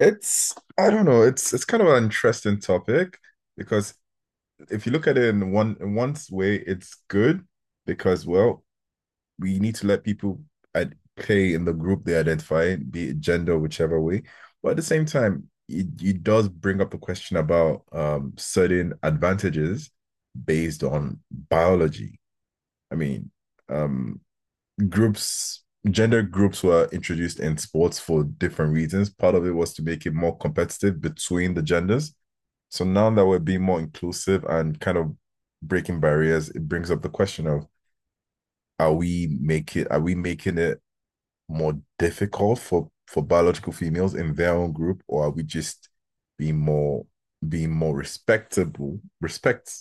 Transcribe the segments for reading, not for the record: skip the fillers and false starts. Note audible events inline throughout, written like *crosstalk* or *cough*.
It's I don't know. It's kind of an interesting topic because if you look at it in one way, it's good because we need to let people play in the group they identify, be it gender, whichever way. But at the same time, it does bring up a question about certain advantages based on biology. I mean, um, groups gender groups were introduced in sports for different reasons. Part of it was to make it more competitive between the genders. So now that we're being more inclusive and kind of breaking barriers, it brings up the question of are we making it more difficult for biological females in their own group, or are we just being more being more respectable respect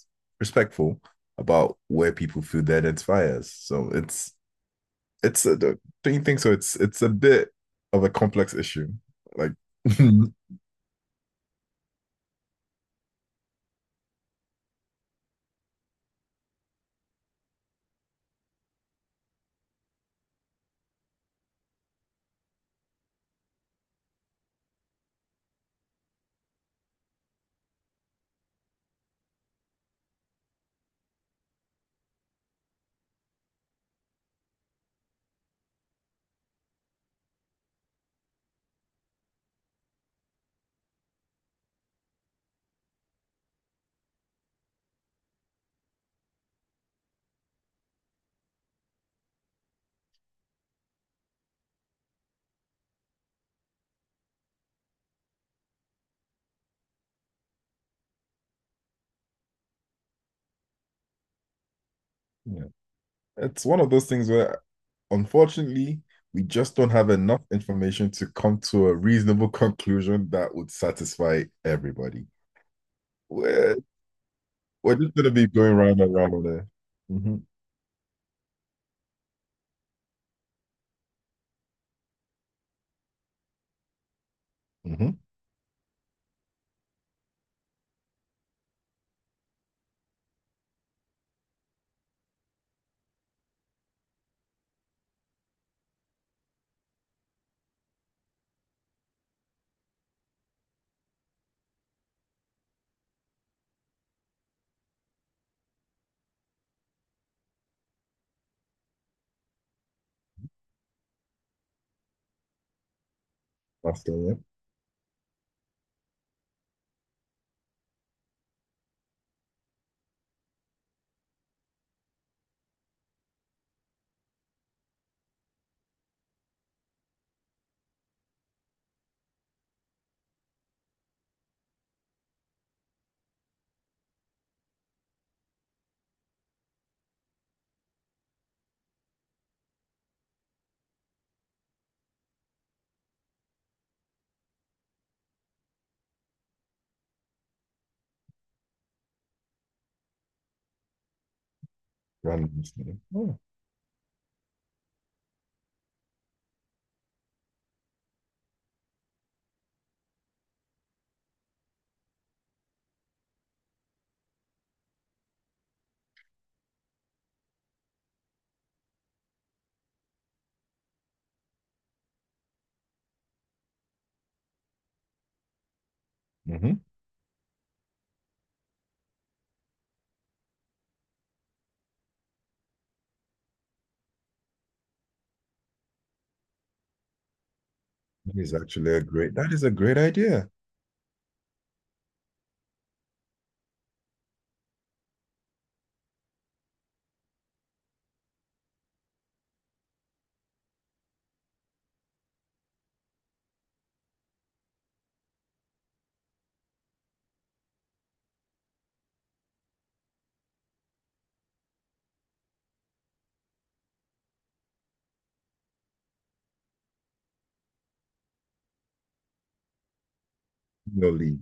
respectful about where people feel they identify as? So don't you think so? It's a bit of a complex issue. Like, *laughs* yeah, it's one of those things where, unfortunately, we just don't have enough information to come to a reasonable conclusion that would satisfy everybody. We're we're just gonna be going round and round on there. Mm-hmm. Mm-hmm. That's the way. Random master. Oh, mm-hmm. That is actually a great. That is a great idea. No, Lee.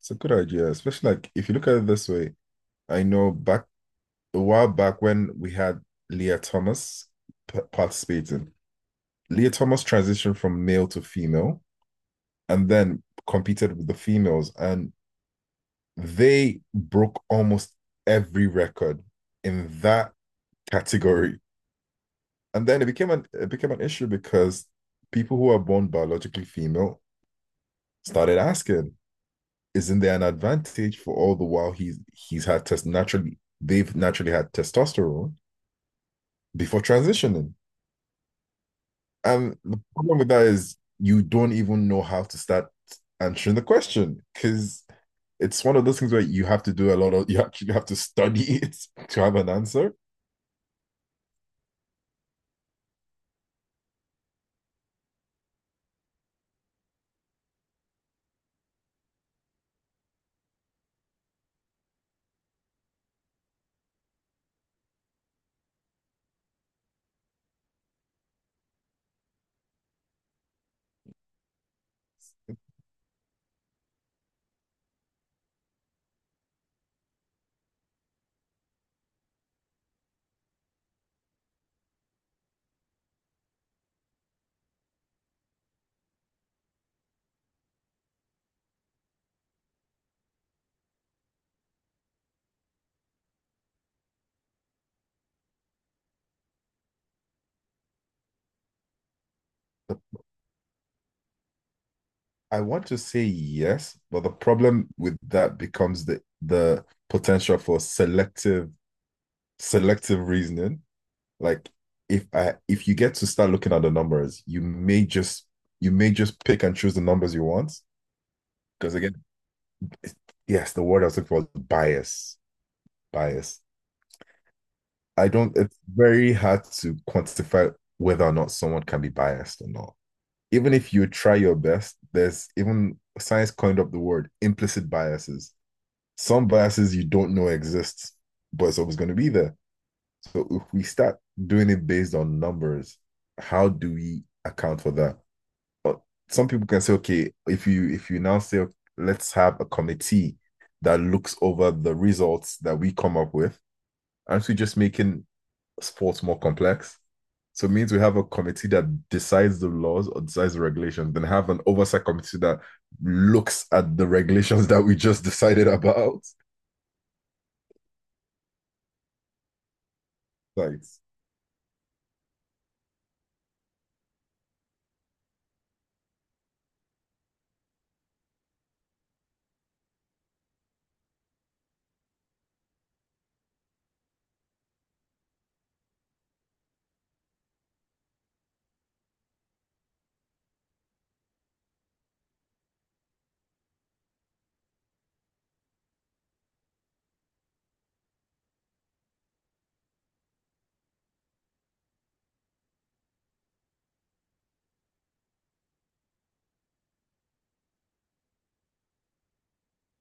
It's a good idea, especially like if you look at it this way. I know back a while back when we had Leah Thomas participating. Leah Thomas transitioned from male to female and then competed with the females, and they broke almost every record in that category. And then it became an issue because people who are born biologically female started asking, isn't there an advantage for all the while he's had test naturally they've naturally had testosterone before transitioning? And the problem with that is you don't even know how to start answering the question because it's one of those things where you have to do a lot of *laughs* you actually have to study it *laughs* to have an answer. I want to say yes, but the problem with that becomes the potential for selective reasoning. Like if you get to start looking at the numbers, you may just pick and choose the numbers you want. Because again, yes, the word I was looking for was bias. Bias. I don't, it's very hard to quantify whether or not someone can be biased or not. Even if you try your best, there's even science coined up the word implicit biases. Some biases you don't know exist, but it's always going to be there. So if we start doing it based on numbers, how do we account for that? But some people can say, okay, if you now say okay, let's have a committee that looks over the results that we come up with, aren't we just making sports more complex. So it means we have a committee that decides the laws or decides the regulations, then have an oversight committee that looks at the regulations that we just decided about. Right.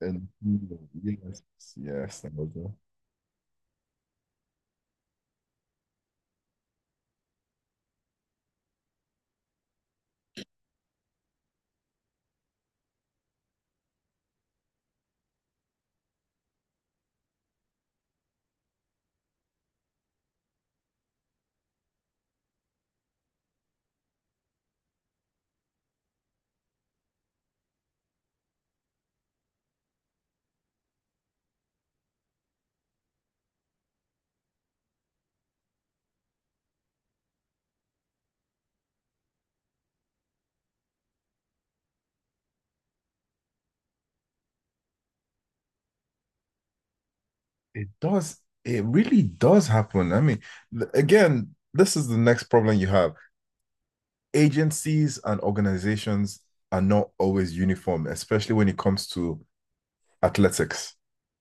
And yes, yes, it does. It really does happen. I mean, again, this is the next problem you have. Agencies and organizations are not always uniform, especially when it comes to athletics.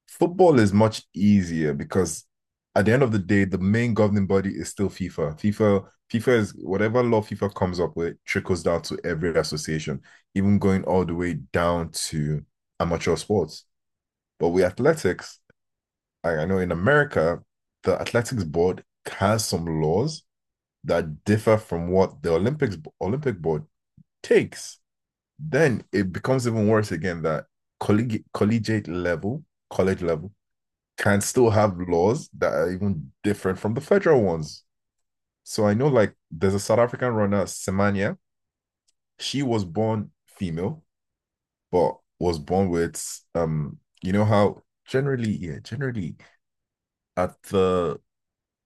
Football is much easier because at the end of the day, the main governing body is still FIFA. FIFA is whatever law FIFA comes up with trickles down to every association, even going all the way down to amateur sports. But with athletics, I, know in America, the athletics board has some laws that differ from what the Olympic board takes. Then it becomes even worse again that collegiate level, college level, can still have laws that are even different from the federal ones. So I know like there's a South African runner, Semenya. She was born female, but was born with you know how generally, yeah, generally at the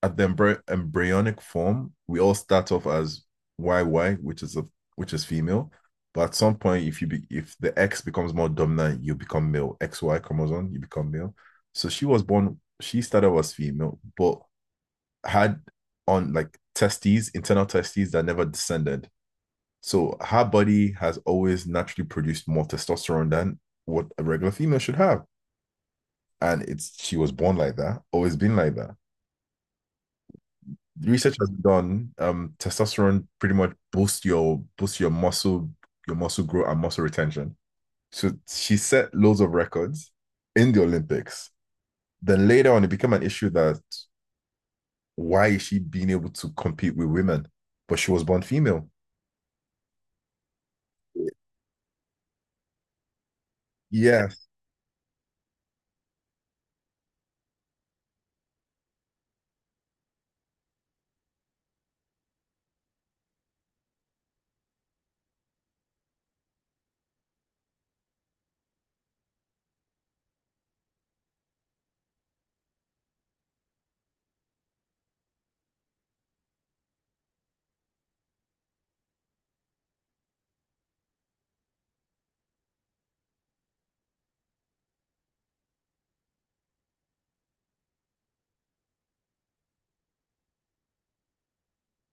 at the embryonic form, we all start off as YY, which is a which is female. But at some point, if you be, if the X becomes more dominant, you become male. XY chromosome, you become male. So she started as female, but had on like testes, internal testes that never descended. So her body has always naturally produced more testosterone than what a regular female should have. And it's she was born like that, always been like that. Research has been done. Testosterone pretty much boosts your muscle growth and muscle retention. So she set loads of records in the Olympics. Then later on, it became an issue that why is she being able to compete with women? But she was born female. Yeah.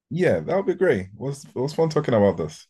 Yeah, that would be great. It was fun talking about this.